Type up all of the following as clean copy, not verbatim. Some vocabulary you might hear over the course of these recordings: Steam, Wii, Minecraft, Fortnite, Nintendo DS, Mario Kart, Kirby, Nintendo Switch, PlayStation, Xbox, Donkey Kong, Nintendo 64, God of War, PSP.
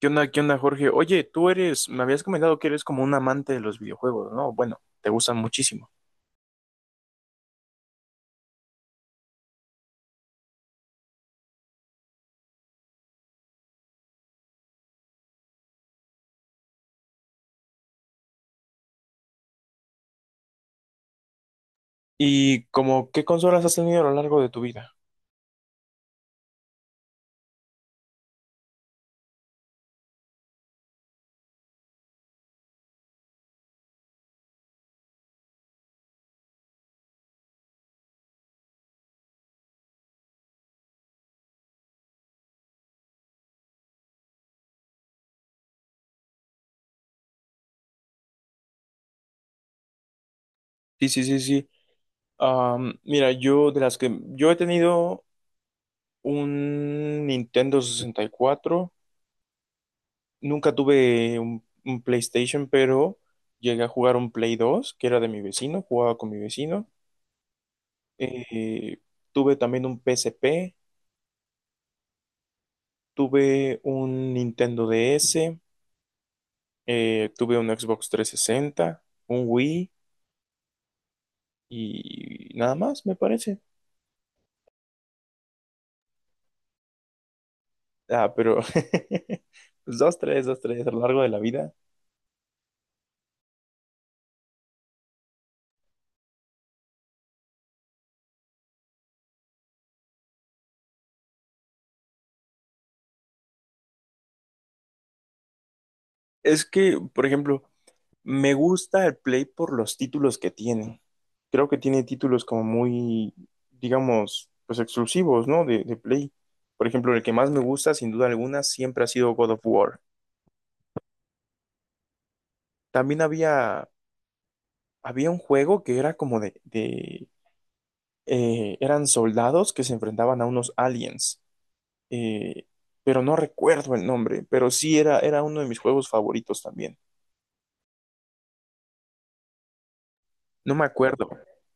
Qué onda, Jorge? Oye, tú eres, me habías comentado que eres como un amante de los videojuegos, ¿no? Bueno, te gustan muchísimo. ¿Y como qué consolas has tenido a lo largo de tu vida? Sí, sí, sí, sí. Mira, yo de las que yo he tenido un Nintendo 64, nunca tuve un PlayStation, pero llegué a jugar un Play 2, que era de mi vecino, jugaba con mi vecino. Eh, tuve también un PSP, tuve un Nintendo DS. Tuve un Xbox 360, un Wii y nada más, me parece. Ah, pero pues dos, tres, dos, tres a lo largo de la vida. Es que, por ejemplo, me gusta el Play por los títulos que tiene. Creo que tiene títulos como muy, digamos, pues exclusivos, ¿no? De Play. Por ejemplo, el que más me gusta, sin duda alguna, siempre ha sido God of War. También había, había un juego que era como de eran soldados que se enfrentaban a unos aliens. eh, pero no recuerdo el nombre, pero sí era uno de mis juegos favoritos también. No me acuerdo.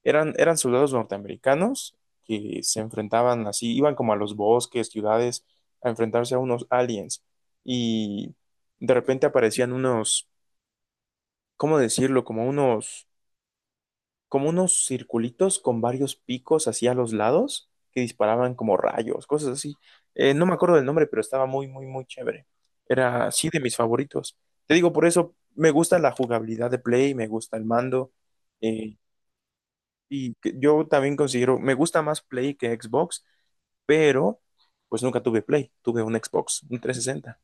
Eran soldados norteamericanos que se enfrentaban así, iban como a los bosques, ciudades, a enfrentarse a unos aliens. Y de repente aparecían unos, ¿cómo decirlo? Como unos circulitos con varios picos así a los lados que disparaban como rayos, cosas así. No me acuerdo del nombre, pero estaba muy, muy, muy chévere. Era así de mis favoritos. Te digo, por eso me gusta la jugabilidad de Play, me gusta el mando. eh, yo también considero, me gusta más Play que Xbox, pero pues nunca tuve Play, tuve un Xbox, un 360.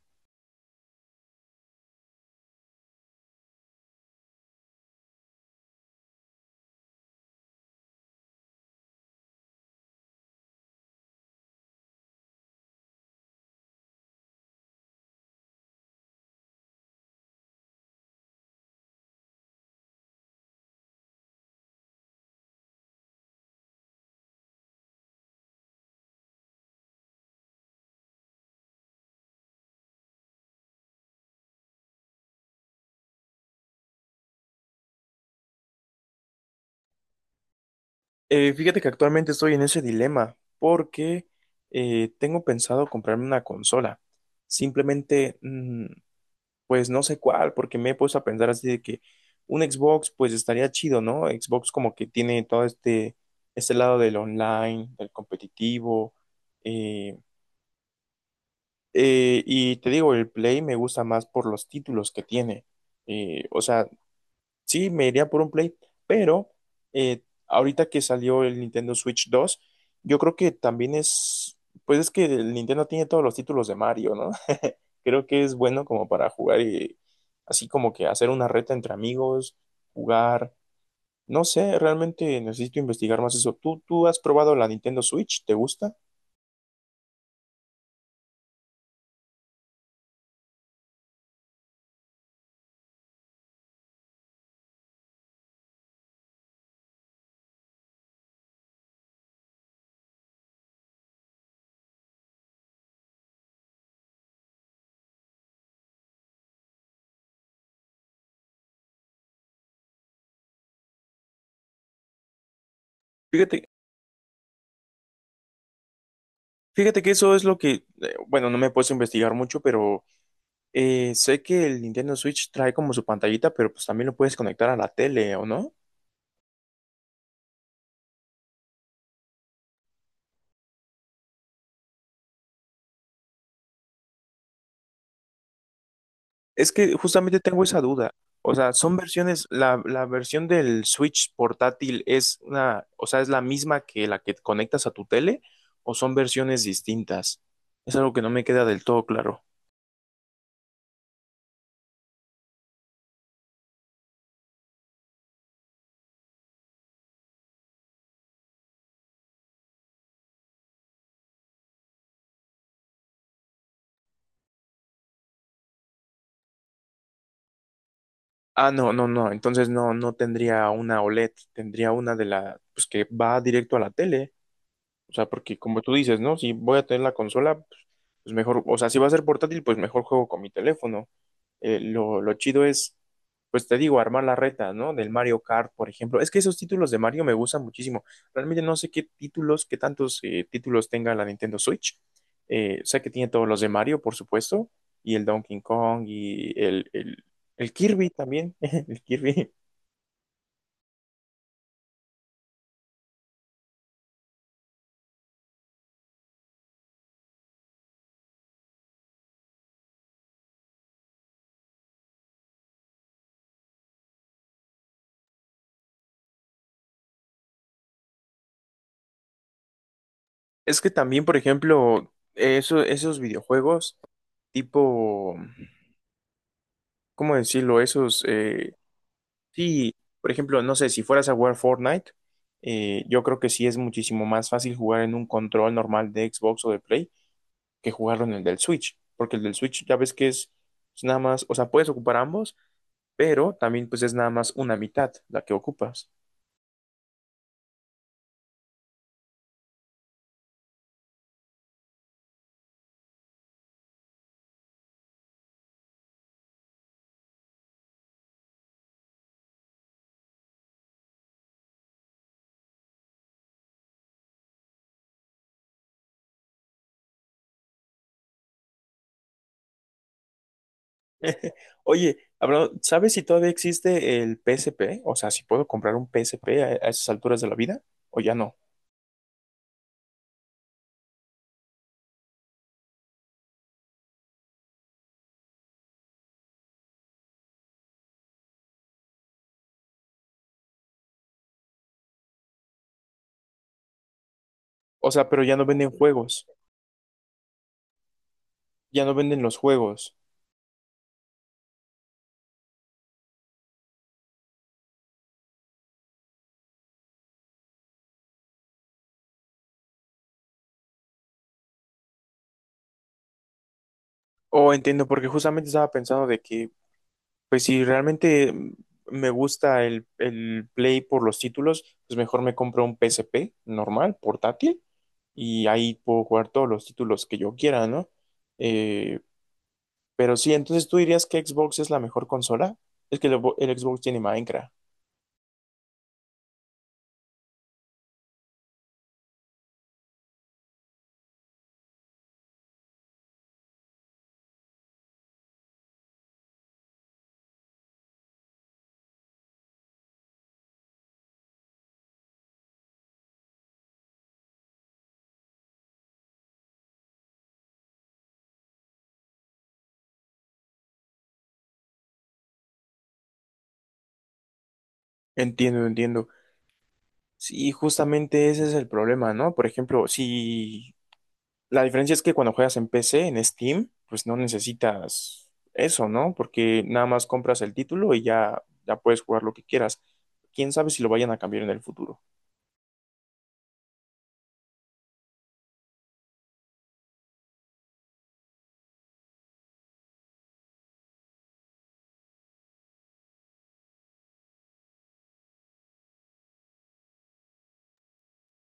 Fíjate que actualmente estoy en ese dilema porque tengo pensado comprarme una consola. Simplemente, pues no sé cuál, porque me he puesto a pensar así de que un Xbox pues estaría chido, ¿no? Xbox como que tiene todo este lado del online, del competitivo. eh, y te digo, el Play me gusta más por los títulos que tiene. O sea, sí, me iría por un Play, pero eh, ahorita que salió el Nintendo Switch 2, yo creo que también es, pues es que el Nintendo tiene todos los títulos de Mario, ¿no? Creo que es bueno como para jugar y así como que hacer una reta entre amigos, jugar. No sé, realmente necesito investigar más eso. ¿Tú has probado la Nintendo Switch? ¿Te gusta? Fíjate, fíjate que eso es lo que, bueno, no me he puesto a investigar mucho, pero sé que el Nintendo Switch trae como su pantallita, pero pues también lo puedes conectar a la tele, ¿o no? Es que justamente tengo esa duda. O sea, son versiones, la versión del Switch portátil es una, o sea, es la misma que la que conectas a tu tele o son versiones distintas. Es algo que no me queda del todo claro. Ah, no, no, no. Entonces no, no tendría una OLED, tendría una de la, pues que va directo a la tele. O sea, porque como tú dices, ¿no? Si voy a tener la consola, pues mejor, o sea, si va a ser portátil, pues mejor juego con mi teléfono. Lo chido es, pues te digo, armar la reta, ¿no? Del Mario Kart, por ejemplo. Es que esos títulos de Mario me gustan muchísimo. Realmente no sé qué títulos, qué tantos títulos tenga la Nintendo Switch. Sé que tiene todos los de Mario, por supuesto, y el Donkey Kong y el Kirby también. El Kirby. Es que también, por ejemplo, eso, esos videojuegos tipo ¿cómo decirlo? Esos, sí, por ejemplo, no sé, si fueras a jugar Fortnite, yo creo que sí es muchísimo más fácil jugar en un control normal de Xbox o de Play que jugarlo en el del Switch, porque el del Switch ya ves que es nada más, o sea, puedes ocupar ambos, pero también pues es nada más una mitad la que ocupas. Oye, ¿sabes si todavía existe el PSP? O sea, si puedo comprar un PSP a esas alturas de la vida, o ya no. O sea, pero ya no venden juegos, ya no venden los juegos. Oh, entiendo, porque justamente estaba pensando de que, pues si realmente me gusta el Play por los títulos, pues mejor me compro un PSP normal, portátil, y ahí puedo jugar todos los títulos que yo quiera, ¿no? Eh, pero sí, entonces tú dirías que Xbox es la mejor consola. Es que el Xbox tiene Minecraft. Entiendo, entiendo. Sí, justamente ese es el problema, ¿no? Por ejemplo, si La diferencia es que cuando juegas en PC, en Steam, pues no necesitas eso, ¿no? Porque nada más compras el título y ya, ya puedes jugar lo que quieras. ¿Quién sabe si lo vayan a cambiar en el futuro?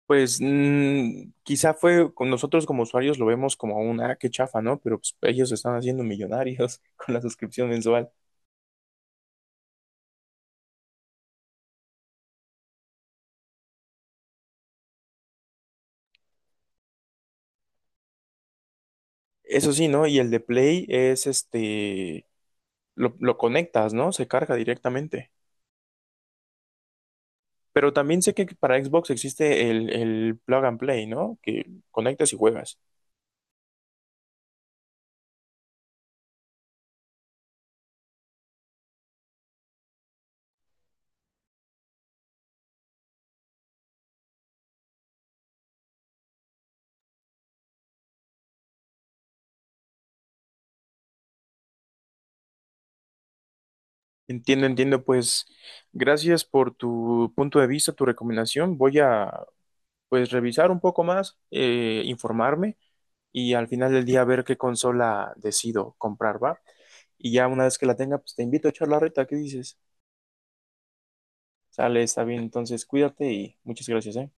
Pues mm, quizá fue, con nosotros como usuarios lo vemos como una, ah, qué chafa, ¿no? Pero pues, ellos se están haciendo millonarios con la suscripción mensual. Eso sí, ¿no? Y el de Play es este, lo conectas, ¿no? Se carga directamente. Pero también sé que para Xbox existe el plug and play, ¿no? Que conectas y juegas. Entiendo, entiendo. Pues gracias por tu punto de vista, tu recomendación. Voy a pues revisar un poco más, informarme y al final del día ver qué consola decido comprar, ¿va? Y ya una vez que la tenga, pues te invito a echar la reta. ¿Qué dices? Sale, está bien. Entonces cuídate y muchas gracias, ¿eh?